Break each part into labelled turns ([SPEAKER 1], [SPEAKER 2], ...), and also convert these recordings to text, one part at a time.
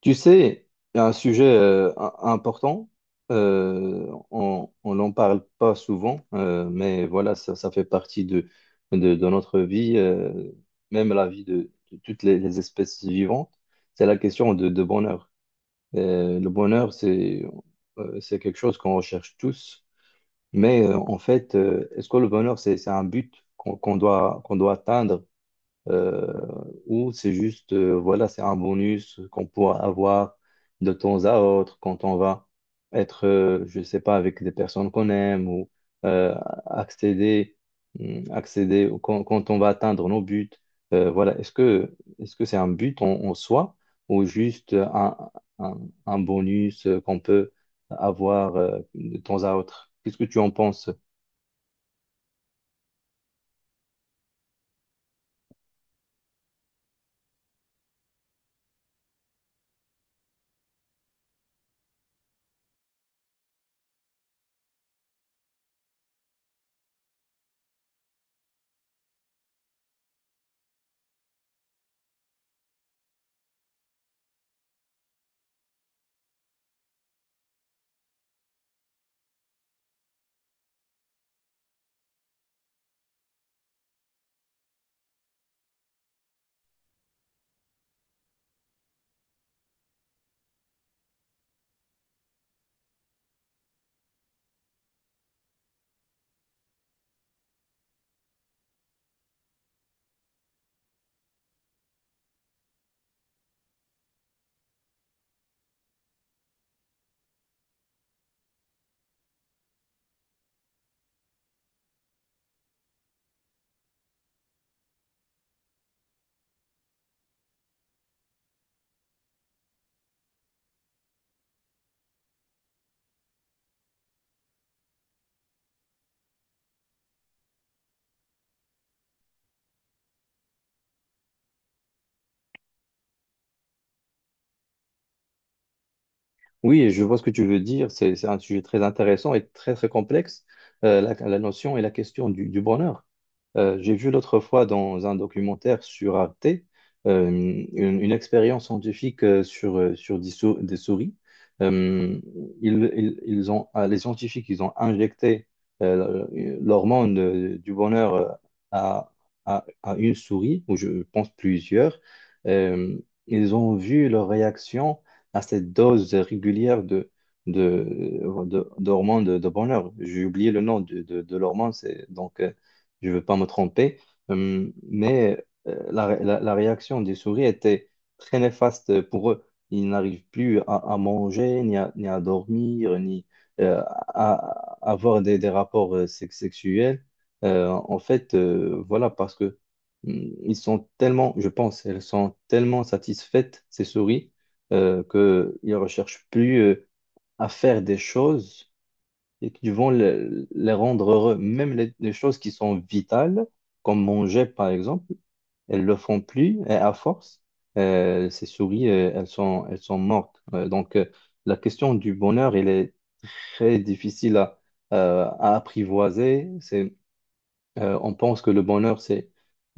[SPEAKER 1] Tu sais, il y a un sujet important, on n'en parle pas souvent, mais voilà, ça fait partie de notre vie, même la vie de toutes les espèces vivantes, c'est la question de bonheur. Le bonheur, c'est quelque chose qu'on recherche tous, mais en fait, est-ce que le bonheur, c'est un but qu'on qu'on doit atteindre? Euh, ou c'est juste, voilà, c'est un bonus qu'on pourra avoir de temps à autre quand on va être, je sais pas, avec des personnes qu'on aime ou euh, accéder, accéder quand on va atteindre nos buts. Voilà, est-ce que c'est un but en soi ou juste un, un bonus qu'on peut avoir de temps à autre? Qu'est-ce que tu en penses? Oui, je vois ce que tu veux dire. C'est un sujet très intéressant et très complexe, la notion et la question du bonheur. J'ai vu l'autre fois dans un documentaire sur Arte, une expérience scientifique sur, sur des souris. Euh, ils ont, les scientifiques, ils ont injecté euh, l'hormone du bonheur à, à une souris, ou je pense plusieurs. Euh, Ils ont vu leur réaction à cette dose régulière de, d'hormones de bonheur. J'ai oublié le nom de l'hormone, donc je ne veux pas me tromper. Mais la réaction des souris était très néfaste pour eux. Ils n'arrivent plus à manger, ni à, ni à dormir, ni euh, à avoir des rapports sexuels. En fait, voilà, parce que ils sont tellement, je pense, elles sont tellement satisfaites, ces souris qu'ils ne recherchent plus à faire des choses et qui vont les rendre heureux. Même les choses qui sont vitales, comme manger par exemple, elles le font plus et à force, ces souris, elles sont mortes. Donc la question du bonheur, elle est très difficile à apprivoiser. C'est on pense que le bonheur,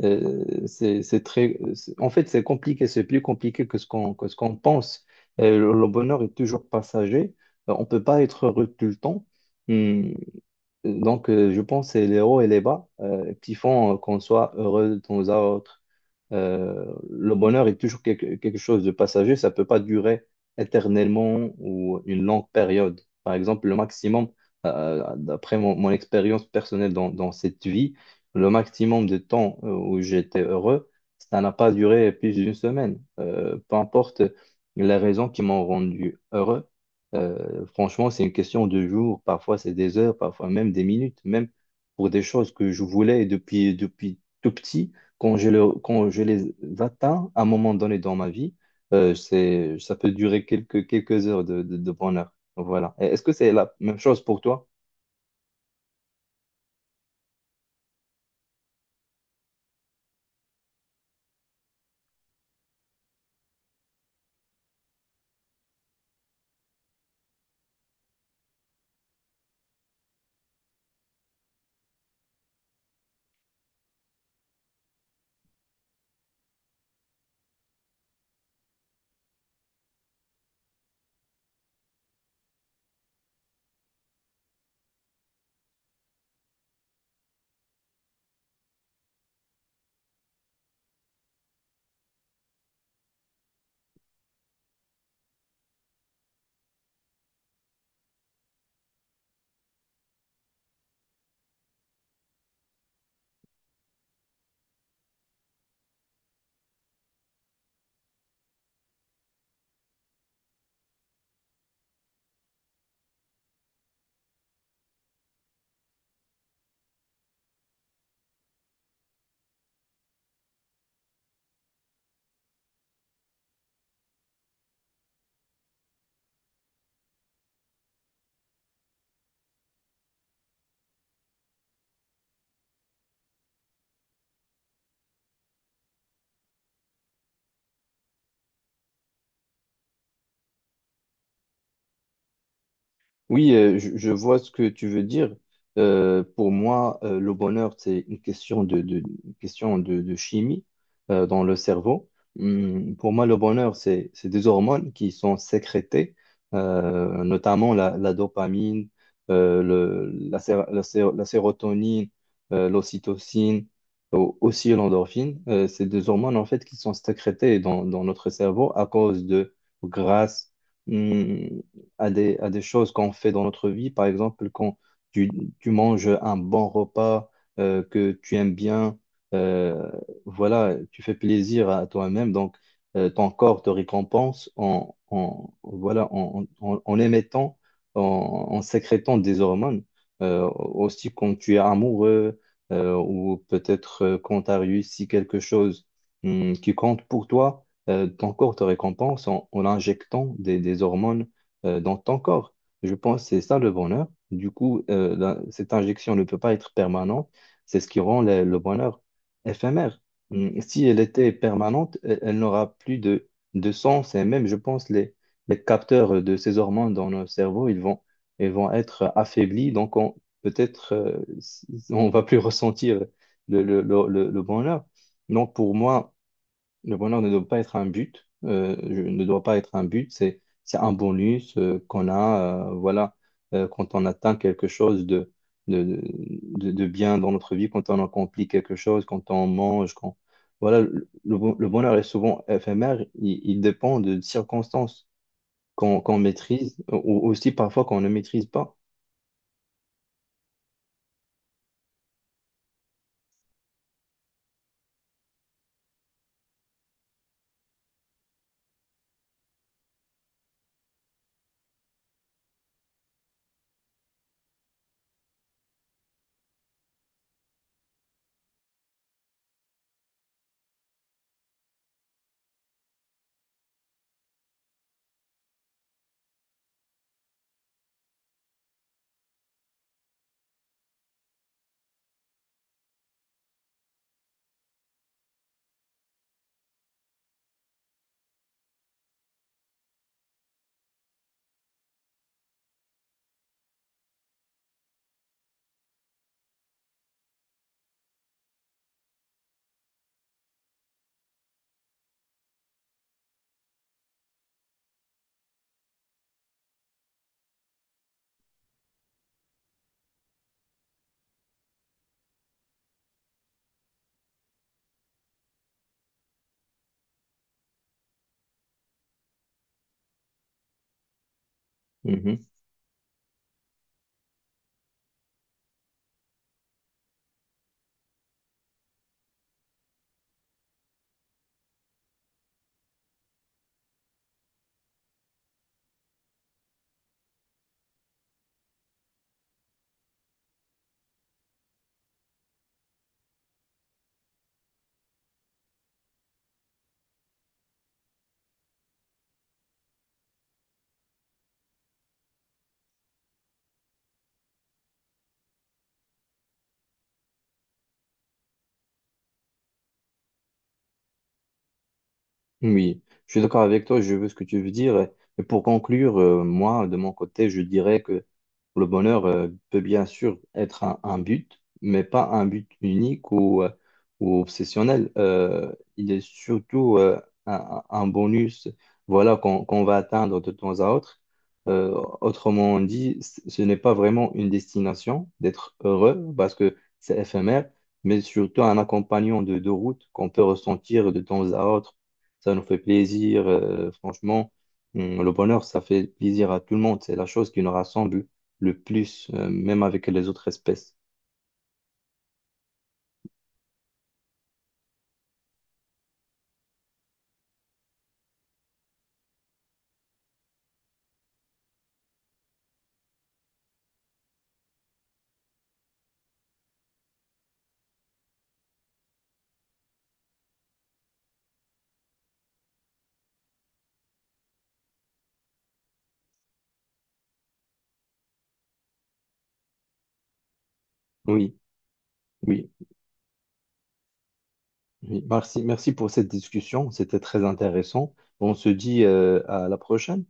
[SPEAKER 1] c'est très... c'est- En fait, c'est compliqué, c'est plus compliqué que ce qu'on pense. Le bonheur est toujours passager. On ne peut pas être heureux tout le temps. Hum, donc, je pense que c'est les hauts et les bas qui font qu'on soit heureux de temps à autre. Le bonheur est toujours quelque, quelque chose de passager, ça ne peut pas durer éternellement ou une longue période. Par exemple, le maximum, d'après mon, mon expérience personnelle dans cette vie, le maximum de temps où j'étais heureux, ça n'a pas duré plus d'une semaine. Peu importe les raisons qui m'ont rendu heureux, franchement, c'est une question de jours, parfois c'est des heures, parfois même des minutes, même pour des choses que je voulais depuis tout petit. Quand je les atteins à un moment donné dans ma vie, ça peut durer quelques, quelques heures de bonheur. Voilà. Et est-ce que c'est la même chose pour toi? Oui, je vois ce que tu veux dire. Pour moi, le bonheur, c'est une question une question de chimie dans le cerveau. Pour moi, le bonheur, c'est des hormones qui sont sécrétées, notamment la dopamine, la sérotonine, l'ocytocine, aussi l'endorphine. C'est des hormones, en fait, qui sont sécrétées dans notre cerveau à cause de grâce. Hmm, à des, à des choses qu'on fait dans notre vie. Par exemple, quand tu, tu manges un bon repas que tu aimes bien, euh, voilà, tu fais plaisir à toi-même. Donc, ton corps te récompense voilà, en émettant, en, en sécrétant des hormones. Aussi, quand tu es amoureux ou peut-être quand tu as réussi quelque chose qui compte pour toi ton corps te récompense en, en injectant des hormones dans ton corps. Je pense que c'est ça le bonheur. Du coup, cette injection ne peut pas être permanente. C'est ce qui rend le bonheur éphémère. Mm, si elle était permanente, elle, elle n'aura plus de sens. Et même, je pense, les capteurs de ces hormones dans nos cerveaux, ils vont être affaiblis. Donc, on, peut-être, on va plus ressentir le bonheur. Donc, pour moi, le bonheur ne doit pas être un but, ne doit pas être un but, c'est un bonus qu'on a, voilà, quand on atteint quelque chose de bien dans notre vie, quand on accomplit quelque chose, quand on mange, quand, voilà, le bonheur est souvent éphémère, il dépend de circonstances qu'on maîtrise ou aussi parfois qu'on ne maîtrise pas. Mhm. Oui, je suis d'accord avec toi, je veux ce que tu veux dire. Et pour conclure, moi, de mon côté, je dirais que le bonheur peut bien sûr être un but, mais pas un but unique ou obsessionnel. Il est surtout un bonus, voilà, qu'on va atteindre de temps à autre. Euh, Autrement dit, ce n'est pas vraiment une destination d'être heureux parce que c'est éphémère, mais surtout un accompagnant de route qu'on peut ressentir de temps à autre ça nous fait plaisir. Franchement, le bonheur, ça fait plaisir à tout le monde. C'est la chose qui nous rassemble le plus, même avec les autres espèces. Oui, oui, oui. Merci, merci pour cette discussion. C'était très intéressant. On se dit, à la prochaine.